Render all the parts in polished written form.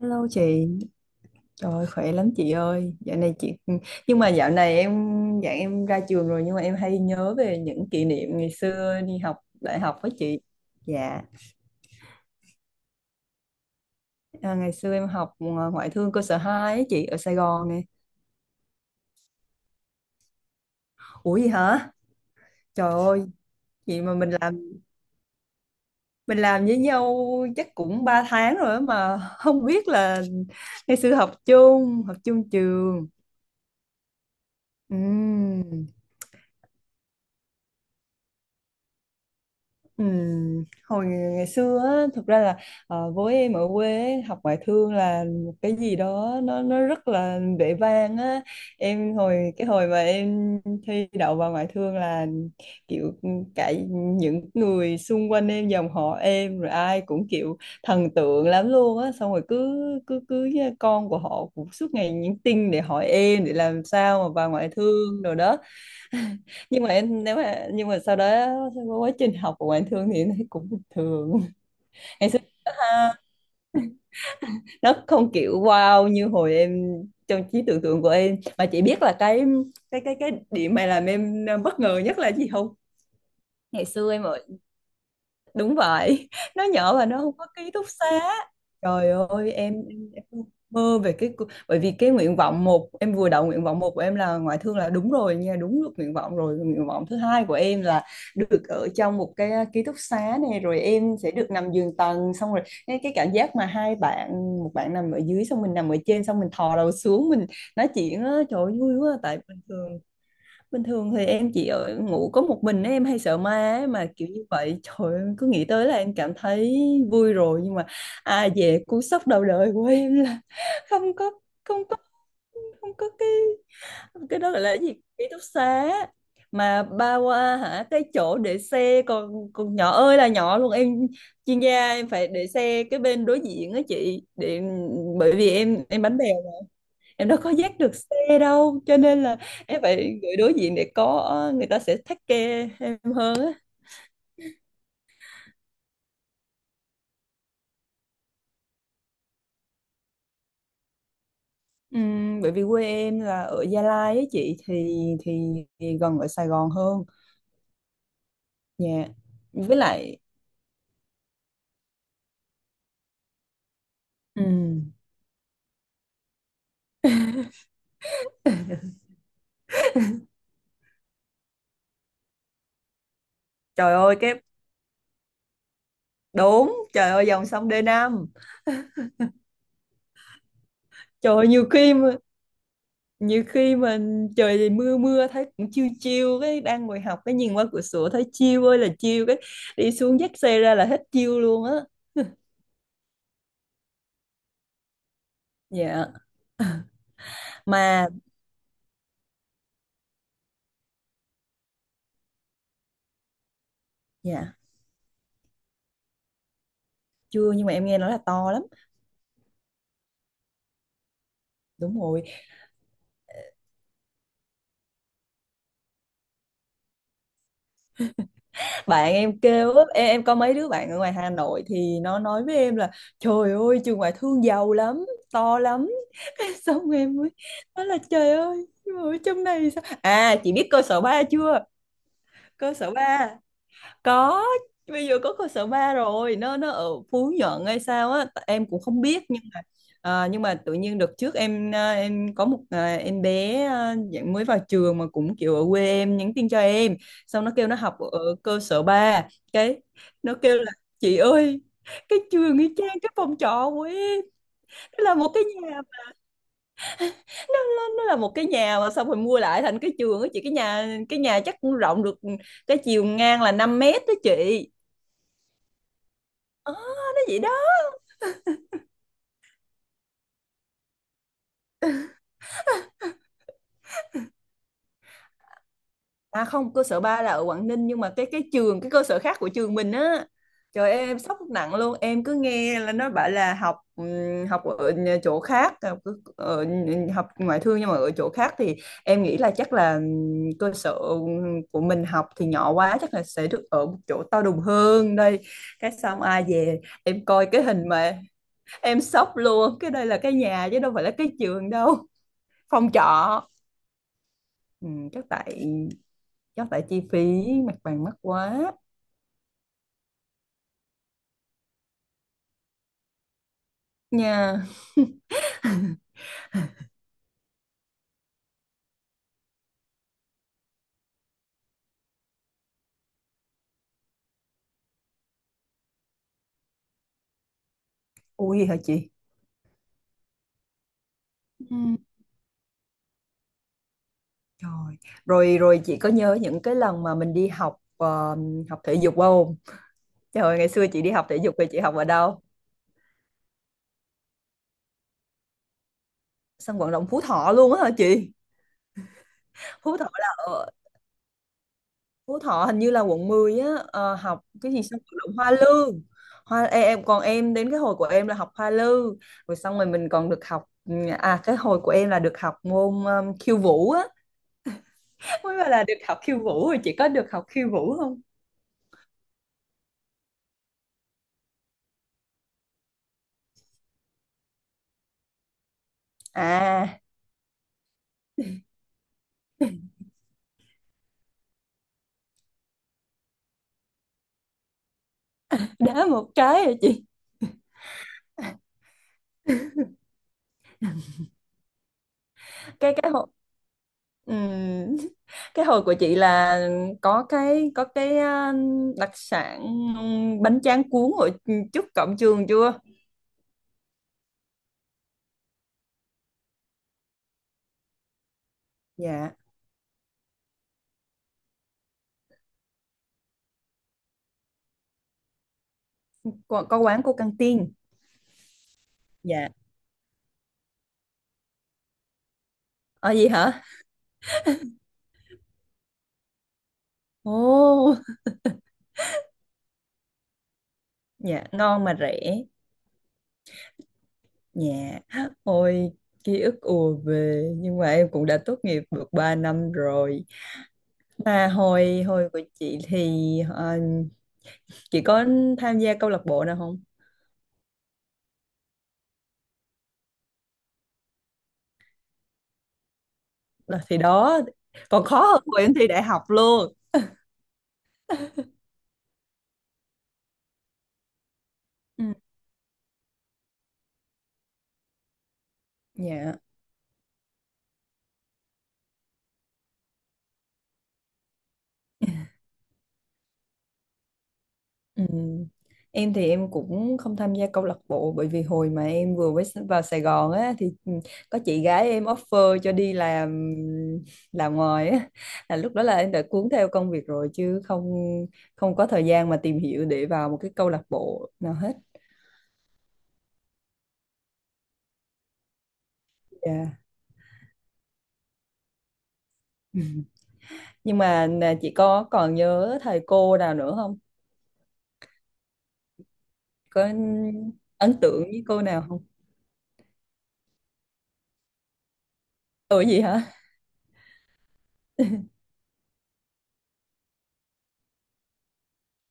Hello chị, trời ơi, khỏe lắm chị ơi. Dạo này chị nhưng mà dạo này em dạ em ra trường rồi nhưng mà em hay nhớ về những kỷ niệm ngày xưa đi học đại học với chị. Dạ, à, ngày xưa em học ngoại thương cơ sở 2 ấy, chị ở Sài Gòn nè. Ủa gì hả? Trời ơi, vậy mà mình làm với nhau chắc cũng 3 tháng rồi á mà không biết là ngày xưa học chung trường. Ừm. Hồi ngày xưa á, thực ra là với em ở quê ấy, học ngoại thương là một cái gì đó nó rất là vẻ vang á, em hồi cái hồi mà em thi đậu vào ngoại thương là kiểu cả những người xung quanh em, dòng họ em rồi ai cũng kiểu thần tượng lắm luôn á, xong rồi cứ cứ cứ con của họ cũng suốt ngày nhắn tin để hỏi em để làm sao mà vào ngoại thương rồi đó. Nhưng mà sau đó qua quá trình học của ngoại thương thì em thấy cũng bình thường. Ha, nó không kiểu wow như hồi em trong trí tưởng tượng của em, mà chị biết là cái điểm mà làm em bất ngờ nhất là gì không? Ngày xưa em ở, đúng vậy, nó nhỏ và nó không có ký túc xá. Trời ơi, em mơ về cái, bởi vì cái nguyện vọng một, em vừa đậu nguyện vọng một của em là ngoại thương là đúng rồi nha, đúng được nguyện vọng rồi, nguyện vọng thứ hai của em là được ở trong một cái ký túc xá, này rồi em sẽ được nằm giường tầng, xong rồi cái cảm giác mà hai bạn, một bạn nằm ở dưới xong mình nằm ở trên xong mình thò đầu xuống mình nói chuyện á, trời ơi, vui quá. Tại bình thường, bình thường thì em chỉ ở ngủ có một mình ấy, em hay sợ ma ấy, mà kiểu như vậy trời ơi, em cứ nghĩ tới là em cảm thấy vui rồi. Nhưng mà à, về cú sốc đầu đời của em là không có không có không có cái đó gọi là cái gì, ký túc xá mà ba qua hả, cái chỗ để xe còn còn nhỏ ơi là nhỏ luôn em. Chuyên gia em phải để xe cái bên đối diện á chị, để bởi vì em bánh bèo, em đâu có dắt được xe đâu cho nên là em phải gửi đối diện để có người ta sẽ take care em hơn á. Bởi vì quê em là ở Gia Lai ấy chị, thì gần ở Sài Gòn hơn. Dạ, với lại ừm, trời ơi cái, đúng trời ơi dòng sông đê 5. Trời ơi, nhiều khi mình, trời thì mưa mưa thấy cũng chiêu chiêu cái đang ngồi học cái nhìn qua cửa sổ thấy chiêu ơi là chiêu, cái đi xuống dắt xe ra là hết chiêu luôn á. Dạ mà. Dạ chưa, nhưng mà em nghe nói là to lắm. Đúng rồi, bạn em kêu á, em có mấy đứa bạn ở ngoài Hà Nội thì nó nói với em là trời ơi trường ngoại thương giàu lắm, to lắm. Xong em mới nói là trời ơi, nhưng mà ở trong này sao, à chị biết cơ sở ba chưa? Cơ sở ba, có, bây giờ có cơ sở ba rồi, nó ở Phú Nhuận hay sao á, em cũng không biết nhưng mà à, nhưng mà tự nhiên đợt trước em à, em có một à, em bé à, dạng mới vào trường mà cũng kiểu ở quê em nhắn tin cho em, xong nó kêu nó học ở cơ sở ba. Cái nó kêu là chị ơi, cái trường y chang cái phòng trọ của em, nó là một cái nhà, nó là một cái nhà mà xong rồi mua lại thành cái trường á chị, cái nhà chắc cũng rộng được cái chiều ngang là 5 mét đó chị. Ờ, nó vậy đó. À không, cơ sở 3 là ở Quảng Ninh nhưng mà cái trường, cái cơ sở khác của trường mình á. Trời ơi, em sốc nặng luôn, em cứ nghe là nó bảo là học học ở chỗ khác, học ở, học ngoại thương nhưng mà ở chỗ khác thì em nghĩ là chắc là cơ sở của mình học thì nhỏ quá chắc là sẽ được ở một chỗ to đùng hơn đây. Cái xong ai về em coi cái hình mà em sốc luôn, cái đây là cái nhà chứ đâu phải là cái trường đâu. Phòng trọ. Ừ, chắc tại chi phí mặt bằng mắc quá. Nha ui hả chị. Ừ. Trời, rồi rồi chị có nhớ những cái lần mà mình đi học học thể dục không? Trời ơi, ngày xưa chị đi học thể dục thì chị học ở đâu? Sân vận động Phú Thọ luôn á hả chị? Phú Thọ là ở, Phú Thọ hình như là quận 10 á, ờ, học cái gì sân vận động Hoa Lư. Hoa ê, em còn em đến cái hồi của em là học Hoa Lư, rồi xong rồi mình còn được học à cái hồi của em là được học môn khiêu vũ á. Mới bảo là được học khiêu vũ, rồi chị có được học khiêu vũ không? À, đá một cái rồi chị. Cái hồi ừm, cái hồi của chị là có cái, có cái đặc sản bánh tráng cuốn ở trước cổng trường chưa? Dạ có quán của căng tin. Dạ. Ở gì hả? Ồ. Dạ non mà rẻ. Dạ, ôi ký ức ùa về, nhưng mà em cũng đã tốt nghiệp được 3 năm rồi. À, hồi hồi của chị thì chị có tham gia câu lạc bộ nào không? Đó, thì đó còn khó hơn hồi em thi đại học luôn. Ừ. Dạ. Ừ. Em thì em cũng không tham gia câu lạc bộ, bởi vì hồi mà em vừa mới vào Sài Gòn á thì có chị gái em offer cho đi làm ngoài á, là lúc đó là em đã cuốn theo công việc rồi chứ không, không có thời gian mà tìm hiểu để vào một cái câu lạc bộ nào hết. Dạ. Ừ. Nhưng mà nè, chị có còn nhớ thầy cô nào nữa không, có ấn tượng với cô nào không? Ừ gì hả?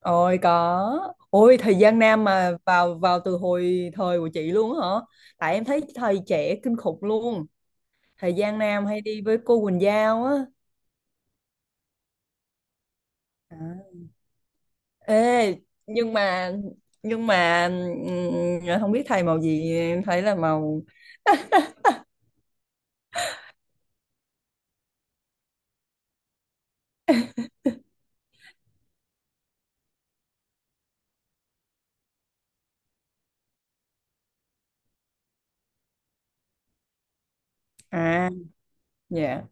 Ôi có, ôi thời gian nam mà vào, vào từ hồi thời của chị luôn á hả? Tại em thấy thầy trẻ kinh khủng luôn. Thời gian nam hay đi với cô Quỳnh Giao á. À. Ê, nhưng mà nhưng mà à, không biết thầy màu gì, em thấy là màu, à dạ.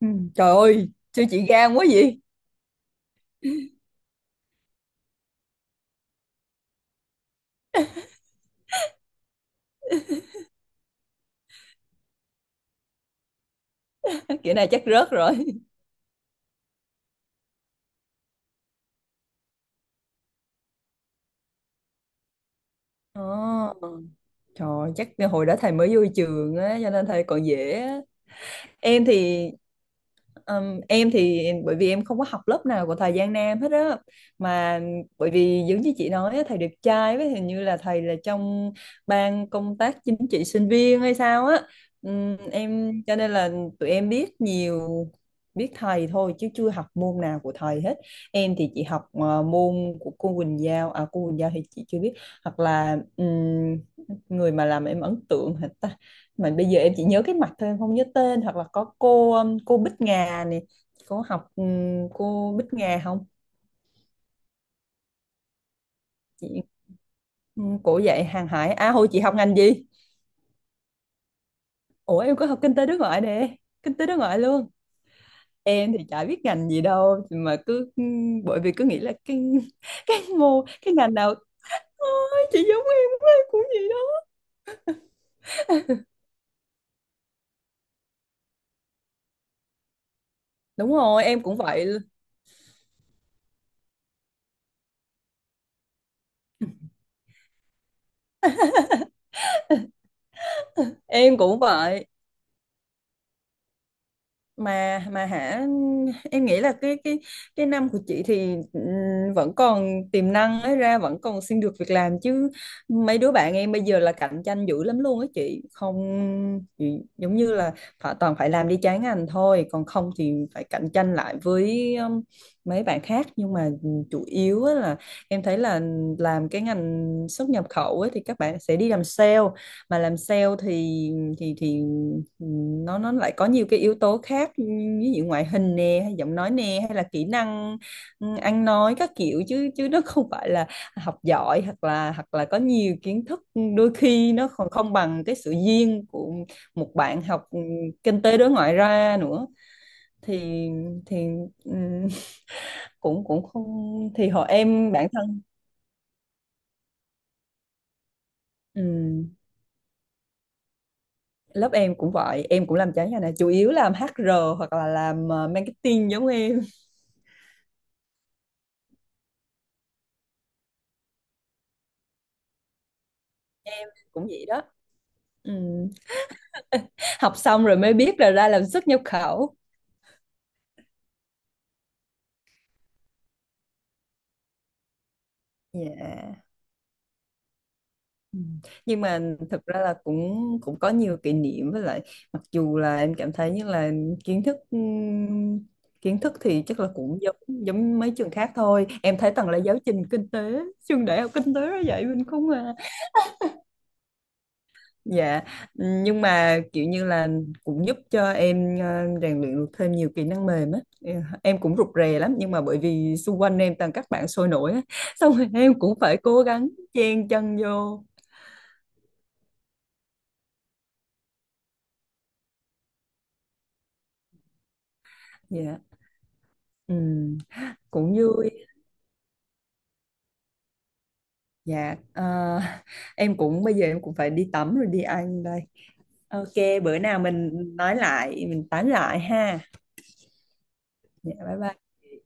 Ừ. Trời ơi sao chị gan quá vậy, kiểu này chắc rớt rồi. Ồ. Trời, chắc hồi đó thầy mới vô trường á cho nên thầy còn dễ á. Em thì ừm, em thì bởi vì em không có học lớp nào của thầy Giang Nam hết á, mà bởi vì giống như chị nói á, thầy đẹp trai với hình như là thầy là trong ban công tác chính trị sinh viên hay sao á. Em cho nên là tụi em biết nhiều, biết thầy thôi chứ chưa học môn nào của thầy hết. Em thì chị học môn của cô Quỳnh Giao, à cô Quỳnh Giao thì chị chưa biết, hoặc là người mà làm em ấn tượng hả? Mà bây giờ em chỉ nhớ cái mặt thôi em không nhớ tên, hoặc là có cô Bích Ngà này, có học cô Bích Ngà không chị, cổ dạy hàng hải. À hồi chị học ngành gì? Ủa em có học kinh tế đối ngoại nè, kinh tế đối ngoại luôn. Em thì chả biết ngành gì đâu mà cứ bởi vì cứ nghĩ là cái cái mô cái ngành nào. Ôi, chị giống em quá, em cũng vậy đó. Đúng rồi em cũng vậy, em cũng vậy. Mà hả, em nghĩ là cái cái năm của chị thì vẫn còn tiềm năng ấy ra vẫn còn xin được việc làm chứ mấy đứa bạn em bây giờ là cạnh tranh dữ lắm luôn á chị không, chị giống như là phải toàn phải làm đi trái ngành thôi, còn không thì phải cạnh tranh lại với mấy bạn khác. Nhưng mà chủ yếu á là em thấy là làm cái ngành xuất nhập khẩu ấy, thì các bạn sẽ đi làm sale, mà làm sale thì thì ừ, nó lại có nhiều cái yếu tố khác ừ, ví dụ ngoại hình nè, hay giọng nói nè, hay là kỹ năng ừ, ăn nói các kiểu, chứ chứ nó không phải là học giỏi, hoặc là có nhiều kiến thức, ừ, đôi khi nó còn không bằng cái sự duyên của một bạn học ừ, kinh tế đối ngoại ra nữa. Thì thì ừ, cũng cũng không, thì họ em bản thân ừ, lớp em cũng vậy, em cũng làm trái ngành này, chủ yếu làm HR hoặc là làm marketing giống em. Cũng vậy đó. Ừ. Học xong rồi mới biết là ra làm xuất nhập khẩu. Yeah. Ừ. Nhưng mà thực ra là cũng cũng có nhiều kỷ niệm với lại mặc dù là em cảm thấy như là kiến thức ừm, kiến thức thì chắc là cũng giống giống mấy trường khác thôi, em thấy toàn là giáo trình kinh tế trường đại học kinh tế nó dạy mình không à. Dạ, nhưng mà kiểu như là cũng giúp cho em rèn luyện được thêm nhiều kỹ năng mềm á. Em cũng rụt rè lắm nhưng mà bởi vì xung quanh em toàn các bạn sôi nổi á, xong rồi em cũng phải cố gắng chen chân vô. Dạ, ừm, cũng vui. Dạ, ờ, em cũng bây giờ em cũng phải đi tắm rồi đi ăn đây. Ok, bữa nào mình nói lại, mình tán lại ha. Dạ, bye bye.